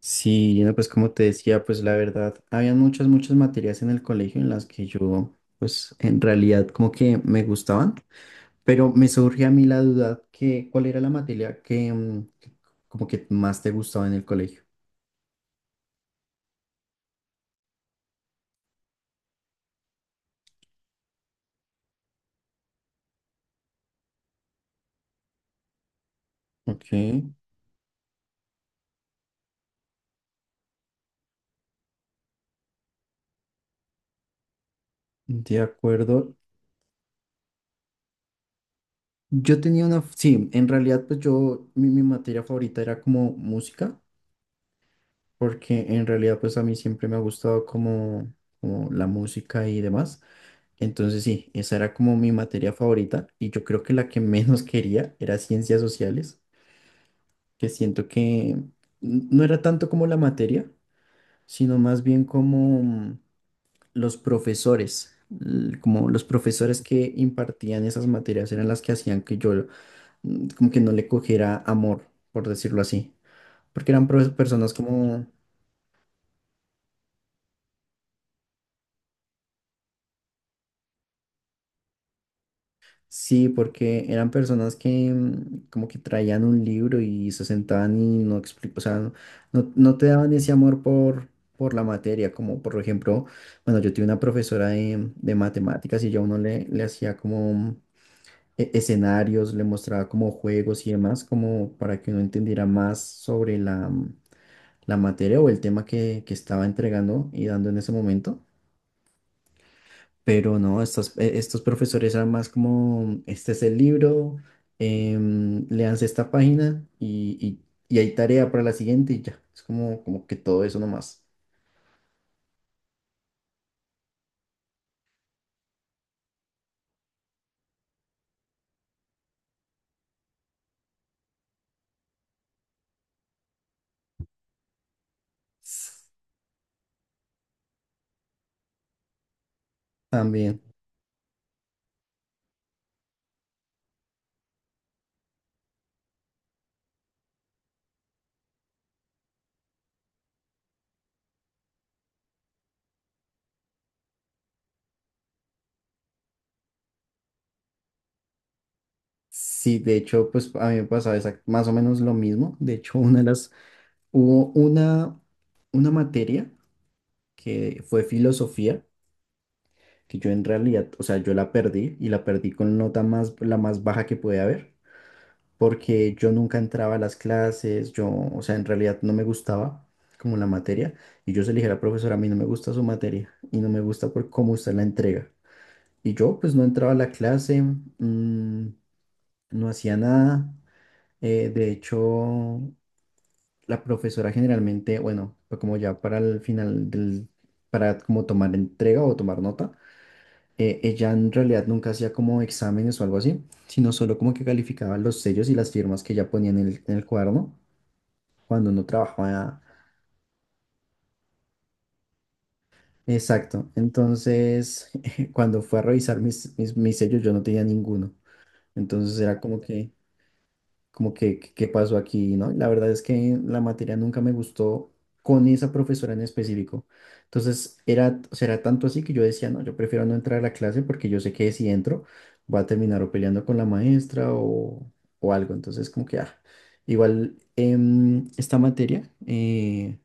Sí, no, pues como te decía, pues la verdad, habían muchas, muchas materias en el colegio en las que yo, pues en realidad como que me gustaban, pero me surge a mí la duda que cuál era la materia que como que más te gustaba en el colegio. Ok, de acuerdo. Yo tenía una, sí, en realidad pues yo, mi materia favorita era como música, porque en realidad pues a mí siempre me ha gustado como la música y demás. Entonces sí, esa era como mi materia favorita y yo creo que la que menos quería era ciencias sociales, que siento que no era tanto como la materia, sino más bien como los profesores, como los profesores que impartían esas materias eran las que hacían que yo como que no le cogiera amor, por decirlo así, porque eran personas. Mm. Como... Sí, porque eran personas que como que traían un libro y se sentaban y no o sea, no te daban ese amor por la materia, como por ejemplo, bueno, yo tuve una profesora de matemáticas y yo a uno le hacía como escenarios, le mostraba como juegos y demás, como para que uno entendiera más sobre la, la materia o el tema que estaba entregando y dando en ese momento. Pero no, estos, estos profesores eran más como, este es el libro, léanse esta página y, y hay tarea para la siguiente y ya. Es como que todo eso nomás. También. Sí, de hecho, pues a mí me pasaba más o menos lo mismo. De hecho, hubo una materia que fue filosofía, que yo en realidad, o sea, yo la perdí y la perdí con nota más, la más baja que puede haber, porque yo nunca entraba a las clases, yo, o sea, en realidad no me gustaba como la materia, y yo se le dije a la profesora, a mí no me gusta su materia, y no me gusta por cómo usted la entrega. Y yo pues no entraba a la clase, no hacía nada, de hecho, la profesora generalmente, bueno, fue como ya para el final para como tomar entrega o tomar nota, ella en realidad nunca hacía como exámenes o algo así, sino solo como que calificaba los sellos y las firmas que ella ponía en el, cuaderno, cuando no trabajaba. Exacto. Entonces, cuando fue a revisar mis sellos, yo no tenía ninguno. Entonces era qué pasó aquí, ¿no? La verdad es que la materia nunca me gustó con esa profesora en específico. Entonces, era, o sea, era tanto así que yo decía, no, yo prefiero no entrar a la clase porque yo sé que si entro va a terminar o peleando con la maestra, o algo. Entonces, como que, ah, igual esta materia, eh,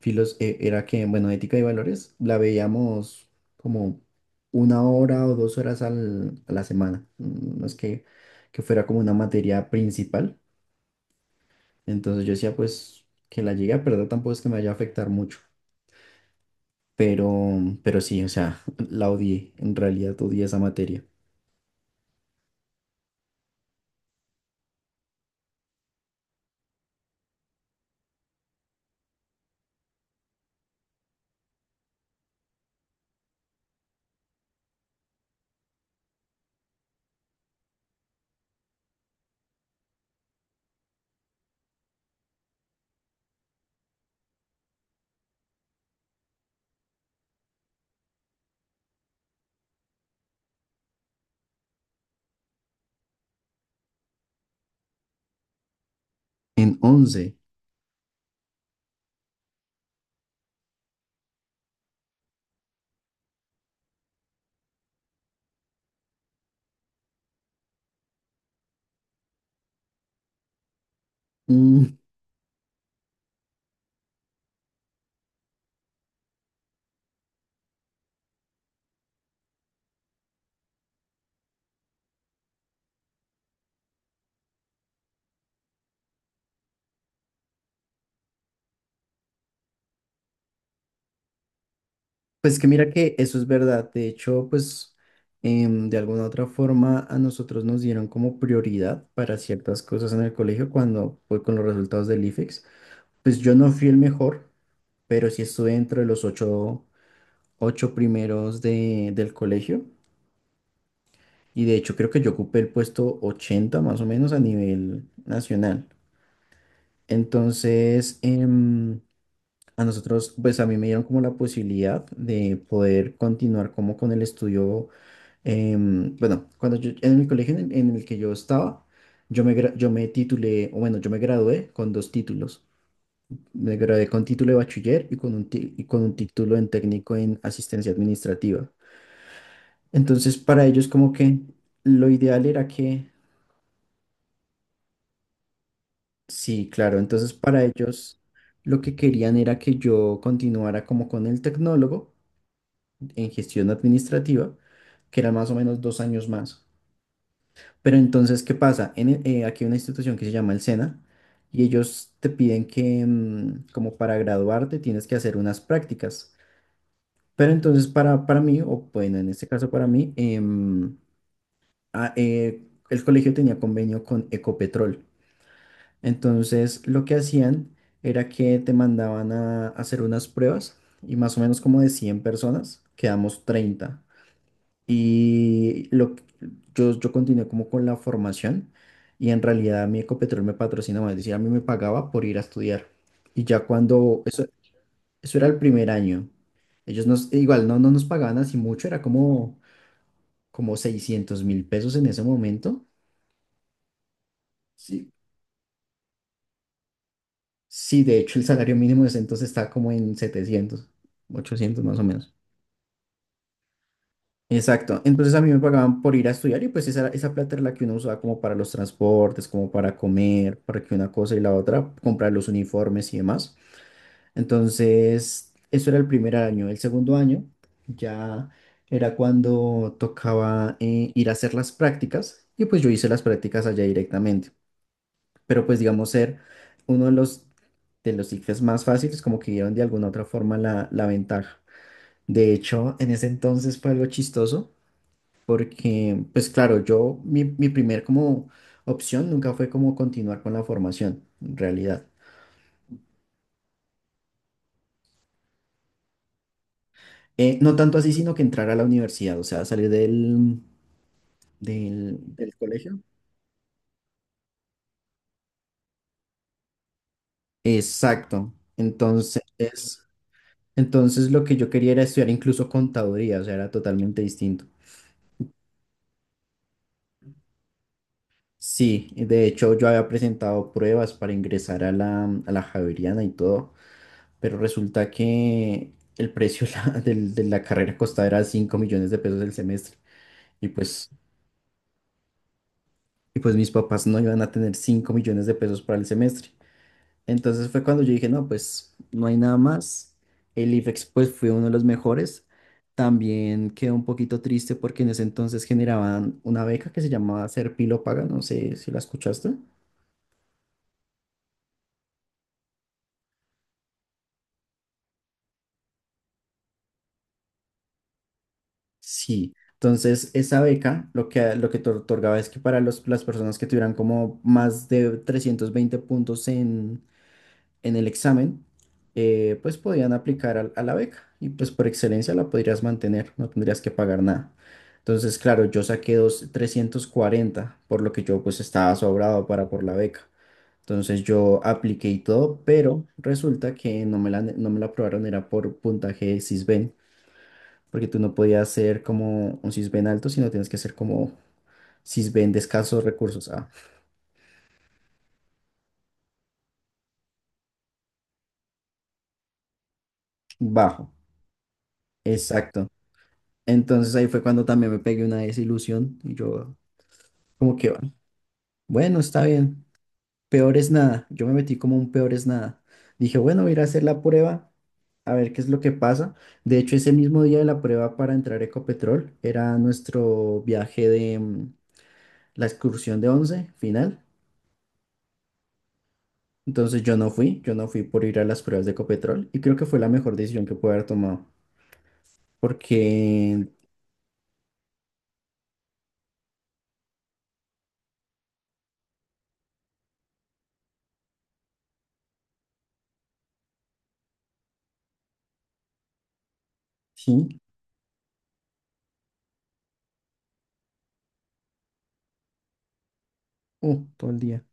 filos, eh, era que, bueno, ética y valores, la veíamos como 1 hora o 2 horas a la semana. No es que fuera como una materia principal, entonces yo decía, pues que la llegué a perder tampoco es que me vaya a afectar mucho, pero, sí, o sea, la odié, en realidad odié esa materia. En once mm, pues que mira que eso es verdad, de hecho, pues de alguna u otra forma a nosotros nos dieron como prioridad para ciertas cosas en el colegio cuando fue con los resultados del IFEX. Pues yo no fui el mejor, pero sí estuve dentro de los ocho primeros de, del colegio. Y de hecho creo que yo ocupé el puesto 80 más o menos a nivel nacional. Entonces, a nosotros, pues a mí me dieron como la posibilidad de poder continuar como con el estudio. Bueno, cuando yo, en mi colegio en el, que yo estaba, yo me, yo me titulé, o bueno, yo me gradué con dos títulos. Me gradué con título de bachiller y y con un título en técnico en asistencia administrativa. Entonces, para ellos como que lo ideal era que... Sí, claro. Entonces, para ellos lo que querían era que yo continuara como con el tecnólogo en gestión administrativa, que era más o menos 2 años más. Pero entonces, ¿qué pasa? Aquí hay una institución que se llama el SENA y ellos te piden que como para graduarte tienes que hacer unas prácticas. Pero entonces para, mí, o bueno, en este caso para mí, ah, eh, el colegio tenía convenio con Ecopetrol. Entonces, lo que hacían era que te mandaban a hacer unas pruebas y más o menos como de 100 personas, quedamos 30. Y lo, que- yo continué como con la formación y en realidad mi Ecopetrol me patrocinaba, es decir, a mí me pagaba por ir a estudiar. Y ya eso era el primer año, ellos igual no nos pagaban así mucho, era como 600.000 pesos en ese momento. Sí. Sí, de hecho, el salario mínimo desde entonces está como en 700, ochocientos más o menos. Exacto. Entonces a mí me pagaban por ir a estudiar y pues esa plata era la que uno usaba como para los transportes, como para comer, para que una cosa y la otra, comprar los uniformes y demás. Entonces, eso era el primer año. El segundo año ya era cuando tocaba ir a hacer las prácticas y pues yo hice las prácticas allá directamente, pero pues digamos ser uno de los ICFES más fáciles, como que dieron de alguna otra forma la, la ventaja. De hecho, en ese entonces fue algo chistoso, porque pues claro, yo, mi primer como opción nunca fue como continuar con la formación, en realidad. No tanto así, sino que entrar a la universidad, o sea, salir del, del colegio. Exacto. Entonces, entonces lo que yo quería era estudiar incluso contaduría, o sea, era totalmente distinto. Sí, y de hecho yo había presentado pruebas para ingresar a la Javeriana y todo, pero resulta que el precio de la carrera costaba era 5 millones de pesos el semestre, y pues, y pues mis papás no iban a tener 5 millones de pesos para el semestre. Entonces fue cuando yo dije, no, pues no hay nada más. El IFEX pues fue uno de los mejores. También quedé un poquito triste porque en ese entonces generaban una beca que se llamaba Serpilo Paga, no sé si la escuchaste. Sí, entonces esa beca lo que te otorgaba es que para los, las personas que tuvieran como más de 320 puntos en el examen, pues podían aplicar a la beca, y pues por excelencia la podrías mantener, no tendrías que pagar nada. Entonces, claro, yo saqué 340 por lo que yo pues estaba sobrado para por la beca. Entonces yo apliqué y todo, pero resulta que no me la aprobaron, era por puntaje Sisben porque tú no podías ser como un cisben alto, sino tienes que ser como cisben de escasos recursos, ah, bajo, exacto. Entonces ahí fue cuando también me pegué una desilusión y yo como que, bueno, está bien, peor es nada, yo me metí como un peor es nada. Dije, bueno, voy a ir a hacer la prueba, a ver qué es lo que pasa. De hecho, ese mismo día de la prueba para entrar a Ecopetrol era nuestro viaje de la excursión de 11 final. Entonces yo no fui por ir a las pruebas de Ecopetrol y creo que fue la mejor decisión que pude haber tomado. Porque sí, todo el día,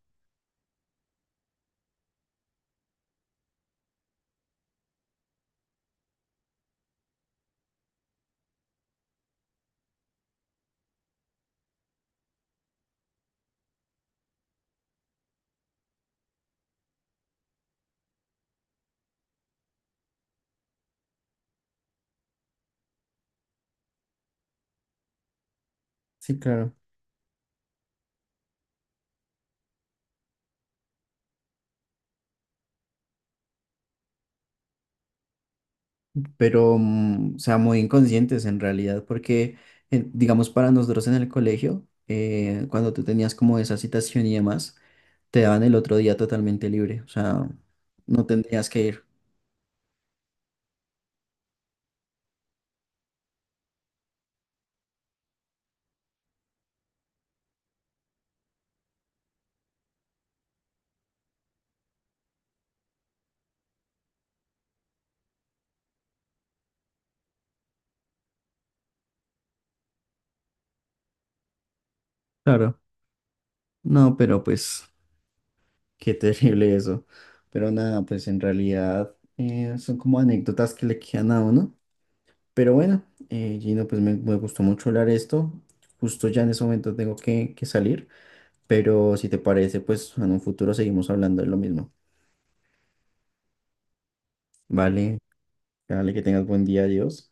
sí, claro. Pero, mm, o sea, muy inconscientes en realidad, porque, digamos, para nosotros en el colegio, cuando tú tenías como esa citación y demás, te daban el otro día totalmente libre, o sea, no tendrías que ir. Claro. No, pero pues, qué terrible eso. Pero nada, pues en realidad son como anécdotas que le quedan a uno. Pero bueno, Gino, pues me gustó mucho hablar esto. Justo ya en ese momento tengo que salir, pero si te parece, pues en un futuro seguimos hablando de lo mismo. Vale, dale, que tengas buen día, adiós.